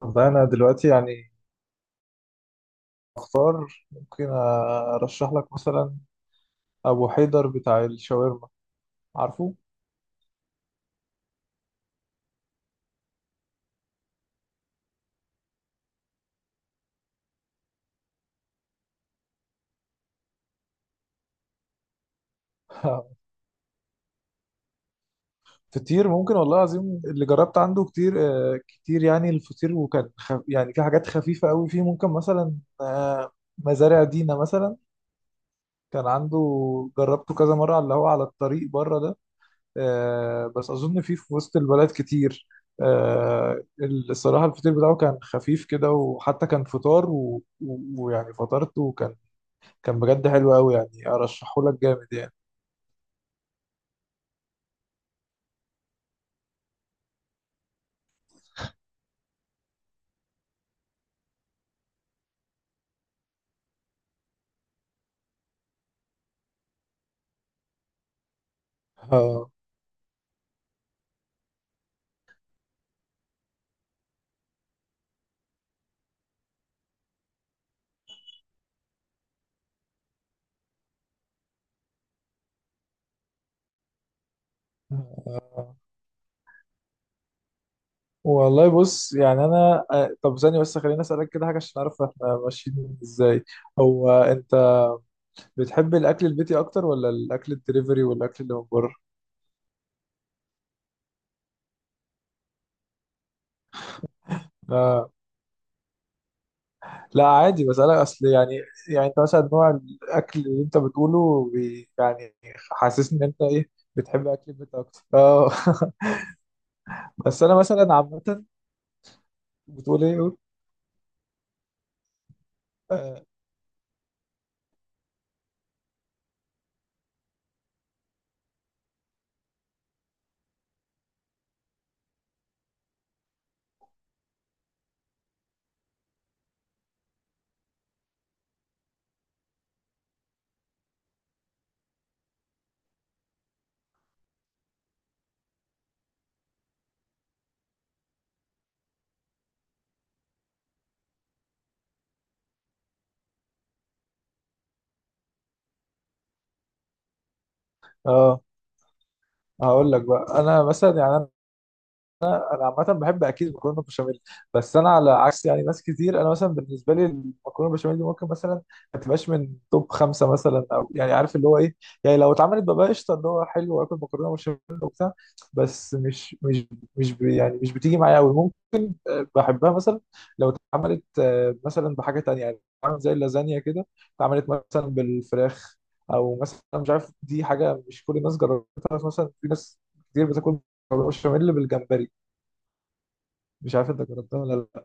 والله أنا دلوقتي يعني أختار، ممكن أرشح لك مثلا أبو حيدر بتاع الشاورما، عارفه؟ فطير ممكن، والله العظيم اللي جربت عنده كتير. كتير يعني الفطير، وكان خف يعني، في حاجات خفيفة قوي فيه ممكن مثلا. آه، مزارع دينا مثلا، كان عنده، جربته كذا مرة على اللي هو على الطريق بره ده. بس أظن فيه في وسط البلد كتير. آه، الصراحة الفطير بتاعه كان خفيف كده، وحتى كان فطار ويعني فطرته، وكان بجد حلو قوي، يعني ارشحه لك جامد يعني. اه. آه. والله بص، يعني انا طب ثانية بس، خليني اسالك كده حاجة عشان اعرف احنا ماشيين ازاي. هو انت بتحب الاكل البيتي اكتر، ولا الاكل الدليفري والاكل اللي من بره؟ آه. لا، عادي بسالك، اصل يعني انت مثلا نوع الاكل اللي انت بتقوله بي يعني، حاسسني ان انت ايه، بتحب اكل البيت اكتر، اه؟ بس انا مثلا عامة... بتقول ايه، قول؟ اه، آه، هقول لك بقى. انا مثلا يعني انا عامه بحب اكيد مكرونه بشاميل، بس انا على عكس يعني ناس كتير. انا مثلا بالنسبه لي المكرونه بشاميل دي ممكن مثلا ما تبقاش من توب خمسه مثلا، او يعني عارف اللي هو ايه، يعني لو اتعملت ببقى قشطه، اللي هو حلو واكل مكرونه بشاميل وبتاع، بس مش مش مش ب- يعني مش بتيجي معايا قوي. ممكن بحبها مثلا لو اتعملت مثلا بحاجه تانية، يعني اتعملت زي اللازانيا كده، اتعملت مثلا بالفراخ، او مثلا مش عارف، دي حاجه مش كل الناس جربتها. مثلا في ناس كتير بتاكل مكرونه بشاميل بالجمبري. مش عارف انت جربتها ولا لا.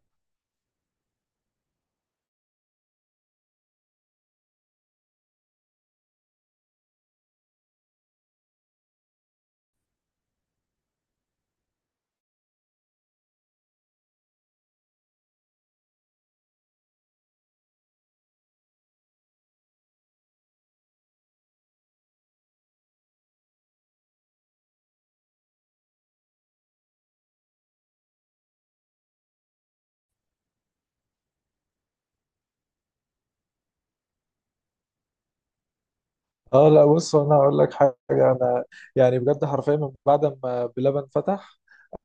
اه لا، بص انا هقول لك حاجه. انا يعني بجد حرفيا من بعد ما بلبن فتح،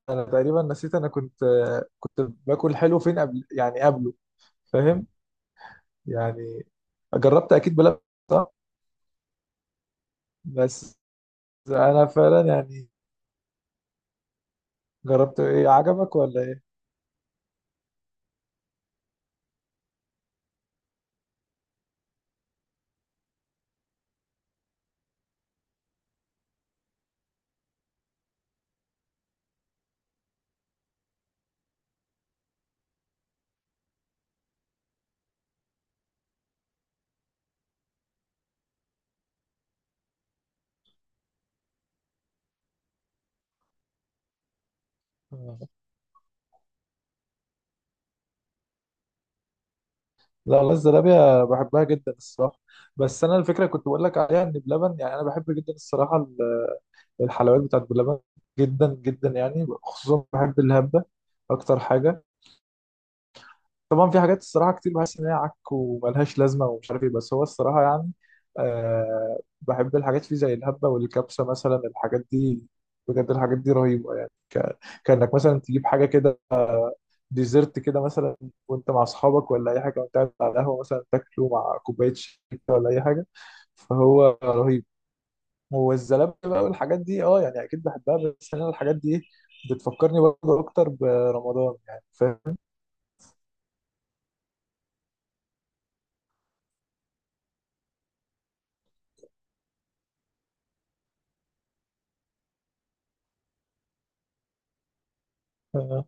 انا تقريبا نسيت انا كنت كنت باكل حلو فين قبل، يعني قبله، فاهم يعني؟ جربت اكيد بلبن، صح؟ بس انا فعلا يعني، جربت ايه، عجبك ولا ايه؟ آه. لا والله الزلابيه بحبها جدا الصراحه. بس انا الفكره كنت بقول لك عليها ان بلبن، يعني انا بحب جدا الصراحه الحلويات بتاعت بلبن، جدا جدا يعني، خصوصا بحب الهبه اكتر حاجه. طبعا في حاجات الصراحه كتير بحس ان هي عك وملهاش لازمه ومش عارف ايه، بس هو الصراحه يعني بحب الحاجات فيه زي الهبه والكبسه، مثلا الحاجات دي بجد الحاجات دي رهيبه، يعني كانك مثلا تجيب حاجه كده ديزرت كده مثلا، وانت مع اصحابك ولا اي حاجه، وانت قاعد على القهوه مثلا تاكله مع كوبايه شاي كده ولا اي حاجه، فهو رهيب. والزلابيه بقى والحاجات دي، اه يعني اكيد بحبها، بس انا الحاجات دي بتفكرني برضه اكتر برمضان، يعني فاهم؟ آه.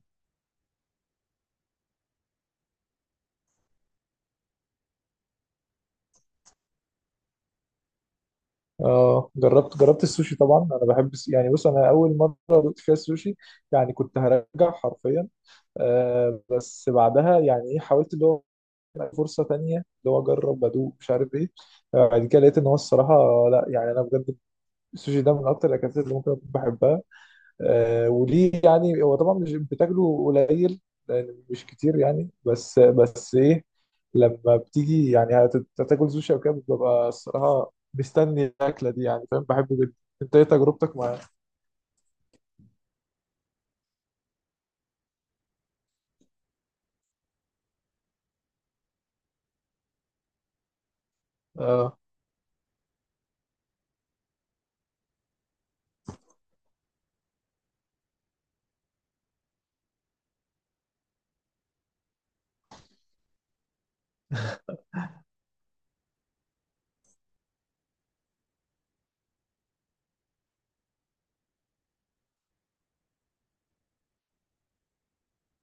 اه، جربت، السوشي طبعا. انا بحب يعني بص، انا اول مره دقت فيها السوشي يعني كنت هرجع حرفيا. بس بعدها، يعني ايه، حاولت اللي هو فرصه تانية، اللي هو اجرب ادوق، مش عارف ايه. بعد كده لقيت ان هو الصراحه، لا يعني انا بجد السوشي ده من اكتر الاكلات اللي ممكن أكون بحبها. وليه؟ يعني هو طبعا مش بتاكله قليل، لان مش كتير يعني، بس ايه، لما بتيجي يعني هتاكل سوشي او كده، ببقى الصراحه مستني الاكله دي، يعني فاهم، بحبه جدا. انت ايه تجربتك معاه؟ اه،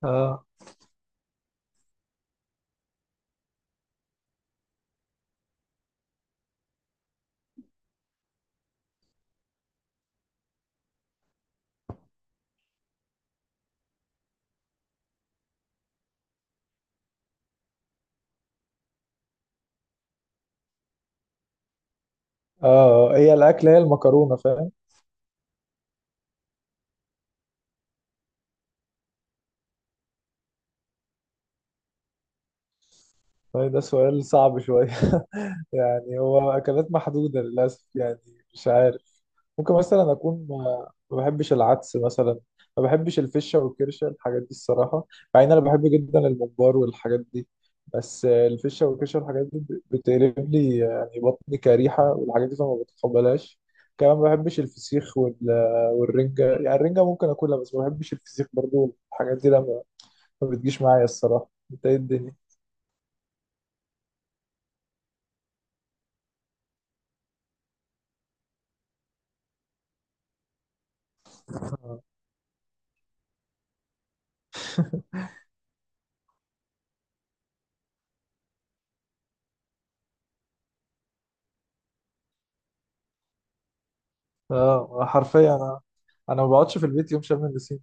اه، اه. هي الاكله هي المكرونه، فاهم؟ طيب ده سؤال صعب شويه. يعني هو اكلات محدوده للاسف يعني، مش عارف. ممكن مثلا اكون ما ما بحبش العدس مثلا، ما بحبش الفشه والكرشه، الحاجات دي الصراحه، مع ان انا بحب جدا الممبار والحاجات دي. بس الفشه والكرشه والحاجات دي بتقلب لي، يعني بطني كريحه، والحاجات دي فما بتقبلهاش. كمان ما بحبش الفسيخ والرنجه، يعني الرنجه ممكن اكلها، بس ما بحبش الفسيخ برضو. الحاجات دي لما ما بتجيش معايا الصراحه، انت ايه الدنيا؟ اه، حرفيا انا، ما بقعدش في البيت يوم شم النسيم.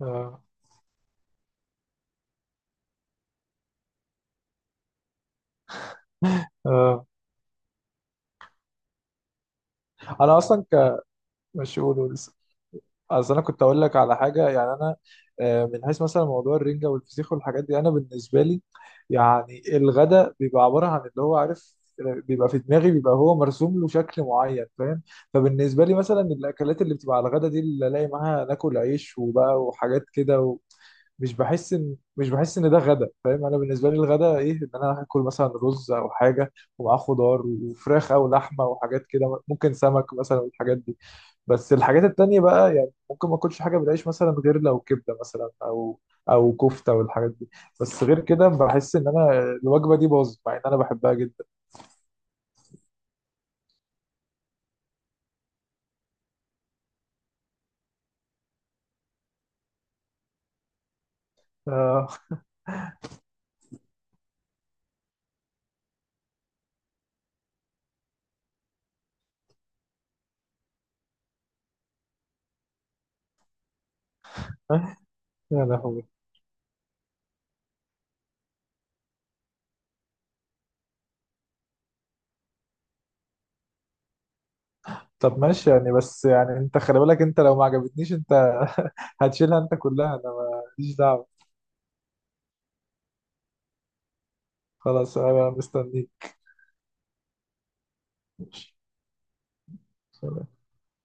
اه، اه، انا اصلا مش، قولوا. اصل انا كنت اقول لك على حاجه، يعني انا، من حيث مثلا موضوع الرنجه والفسيخ والحاجات دي، انا بالنسبه لي يعني الغداء بيبقى عباره عن اللي هو عارف، بيبقى في دماغي، بيبقى هو مرسوم له شكل معين، فاهم؟ فبالنسبه لي مثلا الاكلات اللي بتبقى على الغداء دي، اللي الاقي معاها ناكل عيش وبقى وحاجات كده مش بحس ان، ده غدا، فاهم؟ انا بالنسبه لي الغدا ايه، ان انا هاكل مثلا رز او حاجه ومعاه خضار وفراخ او لحمه وحاجات كده، ممكن سمك مثلا، والحاجات دي. بس الحاجات التانية بقى، يعني ممكن ما اكلش حاجة بالعيش مثلا، غير لو كبدة مثلا، او كفتة والحاجات دي. بس غير كده بحس ان انا الوجبة دي باظت، مع ان انا بحبها جدا. آه. يا لهوي. طب ماشي يعني، بس يعني انت خلي بالك انت، لو ما عجبتنيش انت هتشيلها انت كلها، انا ماليش دعوة. خلاص، انا مستنيك.